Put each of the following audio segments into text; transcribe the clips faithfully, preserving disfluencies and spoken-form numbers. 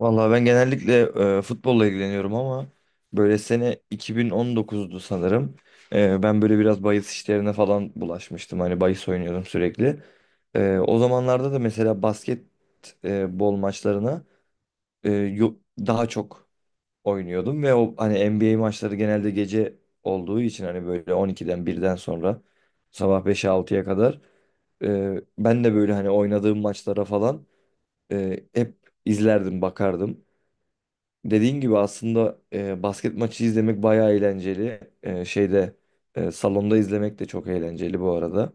Vallahi ben genellikle e, futbolla ilgileniyorum ama böyle sene iki bin on dokuzdu sanırım. E, ben böyle biraz bahis işlerine falan bulaşmıştım. Hani bahis oynuyordum sürekli. E, o zamanlarda da mesela basketbol maçlarına e, yo- daha çok oynuyordum ve o hani N B A maçları genelde gece olduğu için hani böyle on ikiden birden sonra sabah beşe altıya kadar e, ben de böyle hani oynadığım maçlara falan e, hep izlerdim, bakardım. Dediğin gibi aslında e, basket maçı izlemek bayağı eğlenceli. E, şeyde e, salonda izlemek de çok eğlenceli bu arada.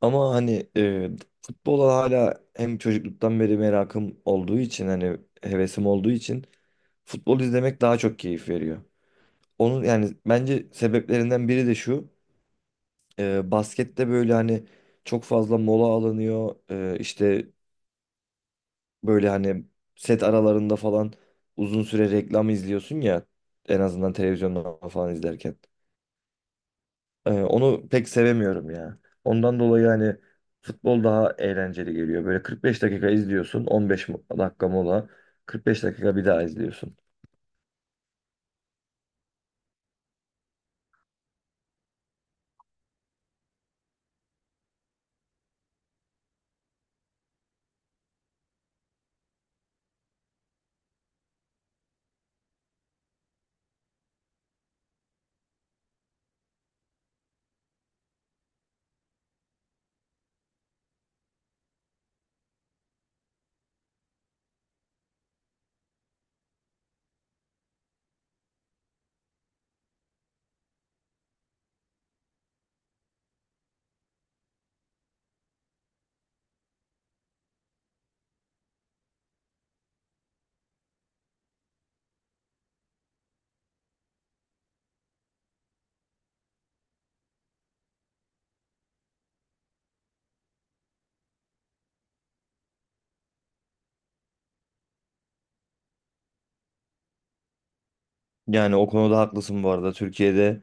Ama hani e, futbola hala hem çocukluktan beri merakım olduğu için hani hevesim olduğu için futbol izlemek daha çok keyif veriyor. Onun yani bence sebeplerinden biri de şu. E, baskette böyle hani çok fazla mola alınıyor. E, işte böyle hani set aralarında falan uzun süre reklam izliyorsun ya, en azından televizyonda falan izlerken. Ee, onu pek sevemiyorum ya. Ondan dolayı hani futbol daha eğlenceli geliyor. Böyle kırk beş dakika izliyorsun, on beş dakika mola, kırk beş dakika bir daha izliyorsun. Yani o konuda haklısın bu arada. Türkiye'de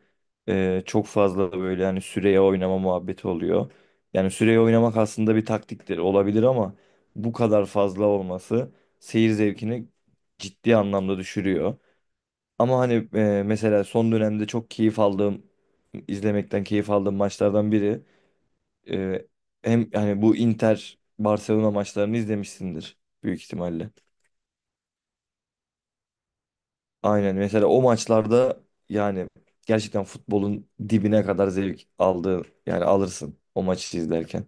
e, çok fazla böyle yani süreye oynama muhabbeti oluyor. Yani süreye oynamak aslında bir taktiktir, olabilir, ama bu kadar fazla olması seyir zevkini ciddi anlamda düşürüyor. Ama hani e, mesela son dönemde çok keyif aldığım, izlemekten keyif aldığım maçlardan biri, e, hem hani bu Inter Barcelona maçlarını izlemişsindir büyük ihtimalle. Aynen, mesela o maçlarda yani gerçekten futbolun dibine kadar zevk aldığı, yani alırsın o maçı izlerken.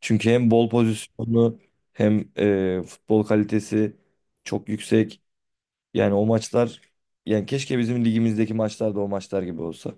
Çünkü hem bol pozisyonu hem e, futbol kalitesi çok yüksek. Yani o maçlar, yani keşke bizim ligimizdeki maçlar da o maçlar gibi olsa.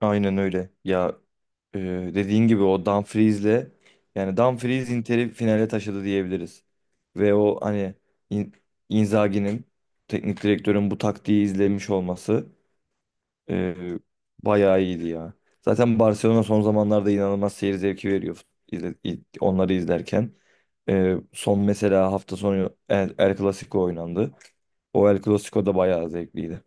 Aynen öyle. Ya e, dediğin gibi o Dumfries'le, yani Dumfries Inter'i finale taşıdı diyebiliriz. Ve o hani In- Inzaghi'nin, teknik direktörün bu taktiği izlemiş olması e, bayağı iyiydi ya. Zaten Barcelona son zamanlarda inanılmaz seyir zevki veriyor izle- i- onları izlerken. E, son mesela hafta sonu El, El Clasico oynandı. O El Clasico da bayağı zevkliydi.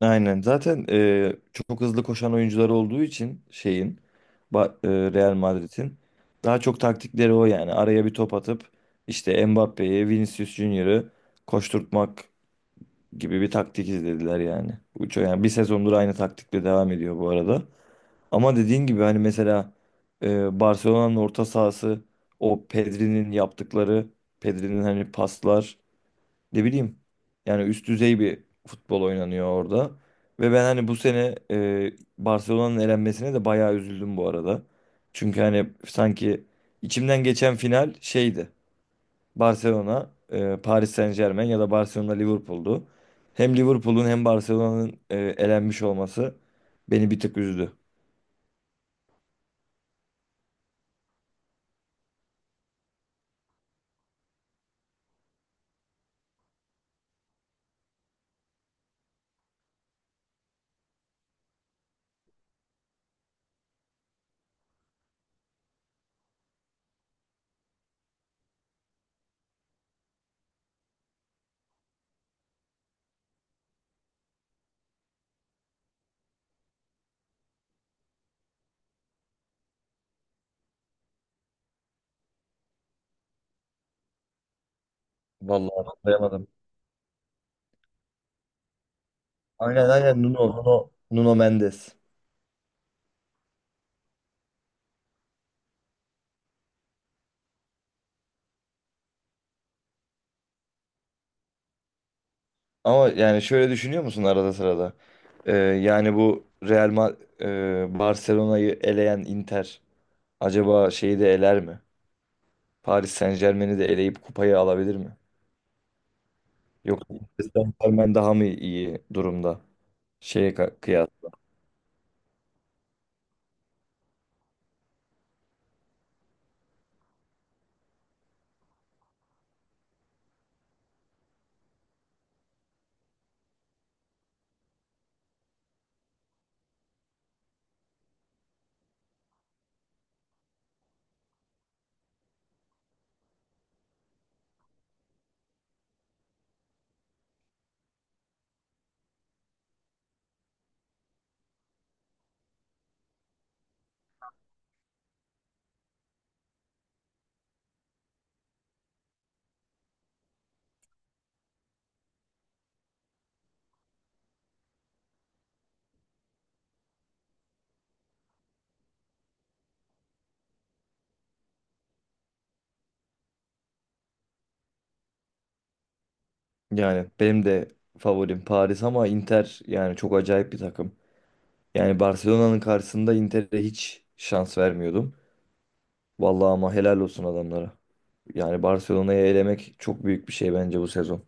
Aynen. Zaten e, çok hızlı koşan oyuncular olduğu için şeyin Ba- e, Real Madrid'in daha çok taktikleri o yani. Araya bir top atıp işte Mbappe'yi, Vinicius Junior'ı koşturtmak gibi bir taktik izlediler yani. Uço yani bir sezondur aynı taktikle devam ediyor bu arada. Ama dediğin gibi hani mesela e, Barcelona'nın orta sahası, o Pedri'nin yaptıkları, Pedri'nin hani paslar, ne bileyim, yani üst düzey bir futbol oynanıyor orada. Ve ben hani bu sene e, Barcelona'nın elenmesine de bayağı üzüldüm bu arada. Çünkü hani sanki içimden geçen final şeydi. Barcelona, e, Paris Saint-Germain ya da Barcelona Liverpool'du. Hem Liverpool'un hem Barcelona'nın e, elenmiş olması beni bir tık üzdü. Vallahi anlayamadım. Aynen, aynen, Nuno, Nuno, Nuno Mendes. Ama yani şöyle düşünüyor musun arada sırada? Ee, yani bu Real Ma e, Barcelona'yı eleyen Inter acaba şeyi de eler mi? Paris Saint-Germain'i de eleyip kupayı alabilir mi? Yoksa Paris Saint-Germain daha mı iyi durumda? Şeye ka- kıyas. Yani benim de favorim Paris ama Inter yani çok acayip bir takım. Yani Barcelona'nın karşısında Inter'e hiç şans vermiyordum. Vallahi ama helal olsun adamlara. Yani Barcelona'yı elemek çok büyük bir şey bence bu sezon.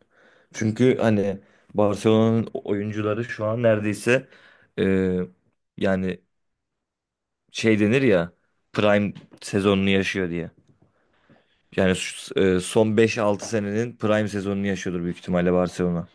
Çünkü hani Barcelona'nın oyuncuları şu an neredeyse, e, yani şey denir ya, prime sezonunu yaşıyor diye. Yani şu- e, son beş altı senenin prime sezonunu yaşıyordur büyük ihtimalle Barcelona.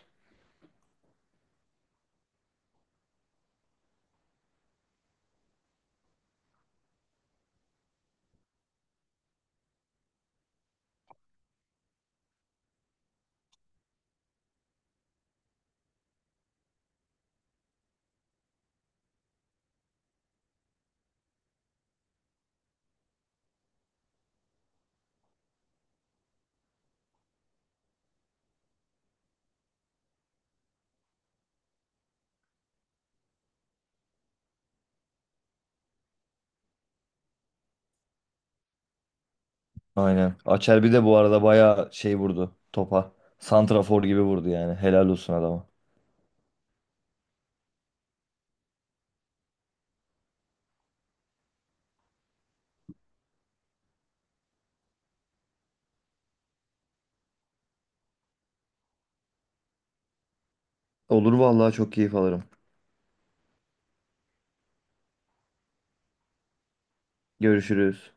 Aynen. Acerbi de bu arada bayağı şey vurdu topa. Santrafor gibi vurdu yani. Helal olsun adama. Olur vallahi, çok keyif alırım. Görüşürüz.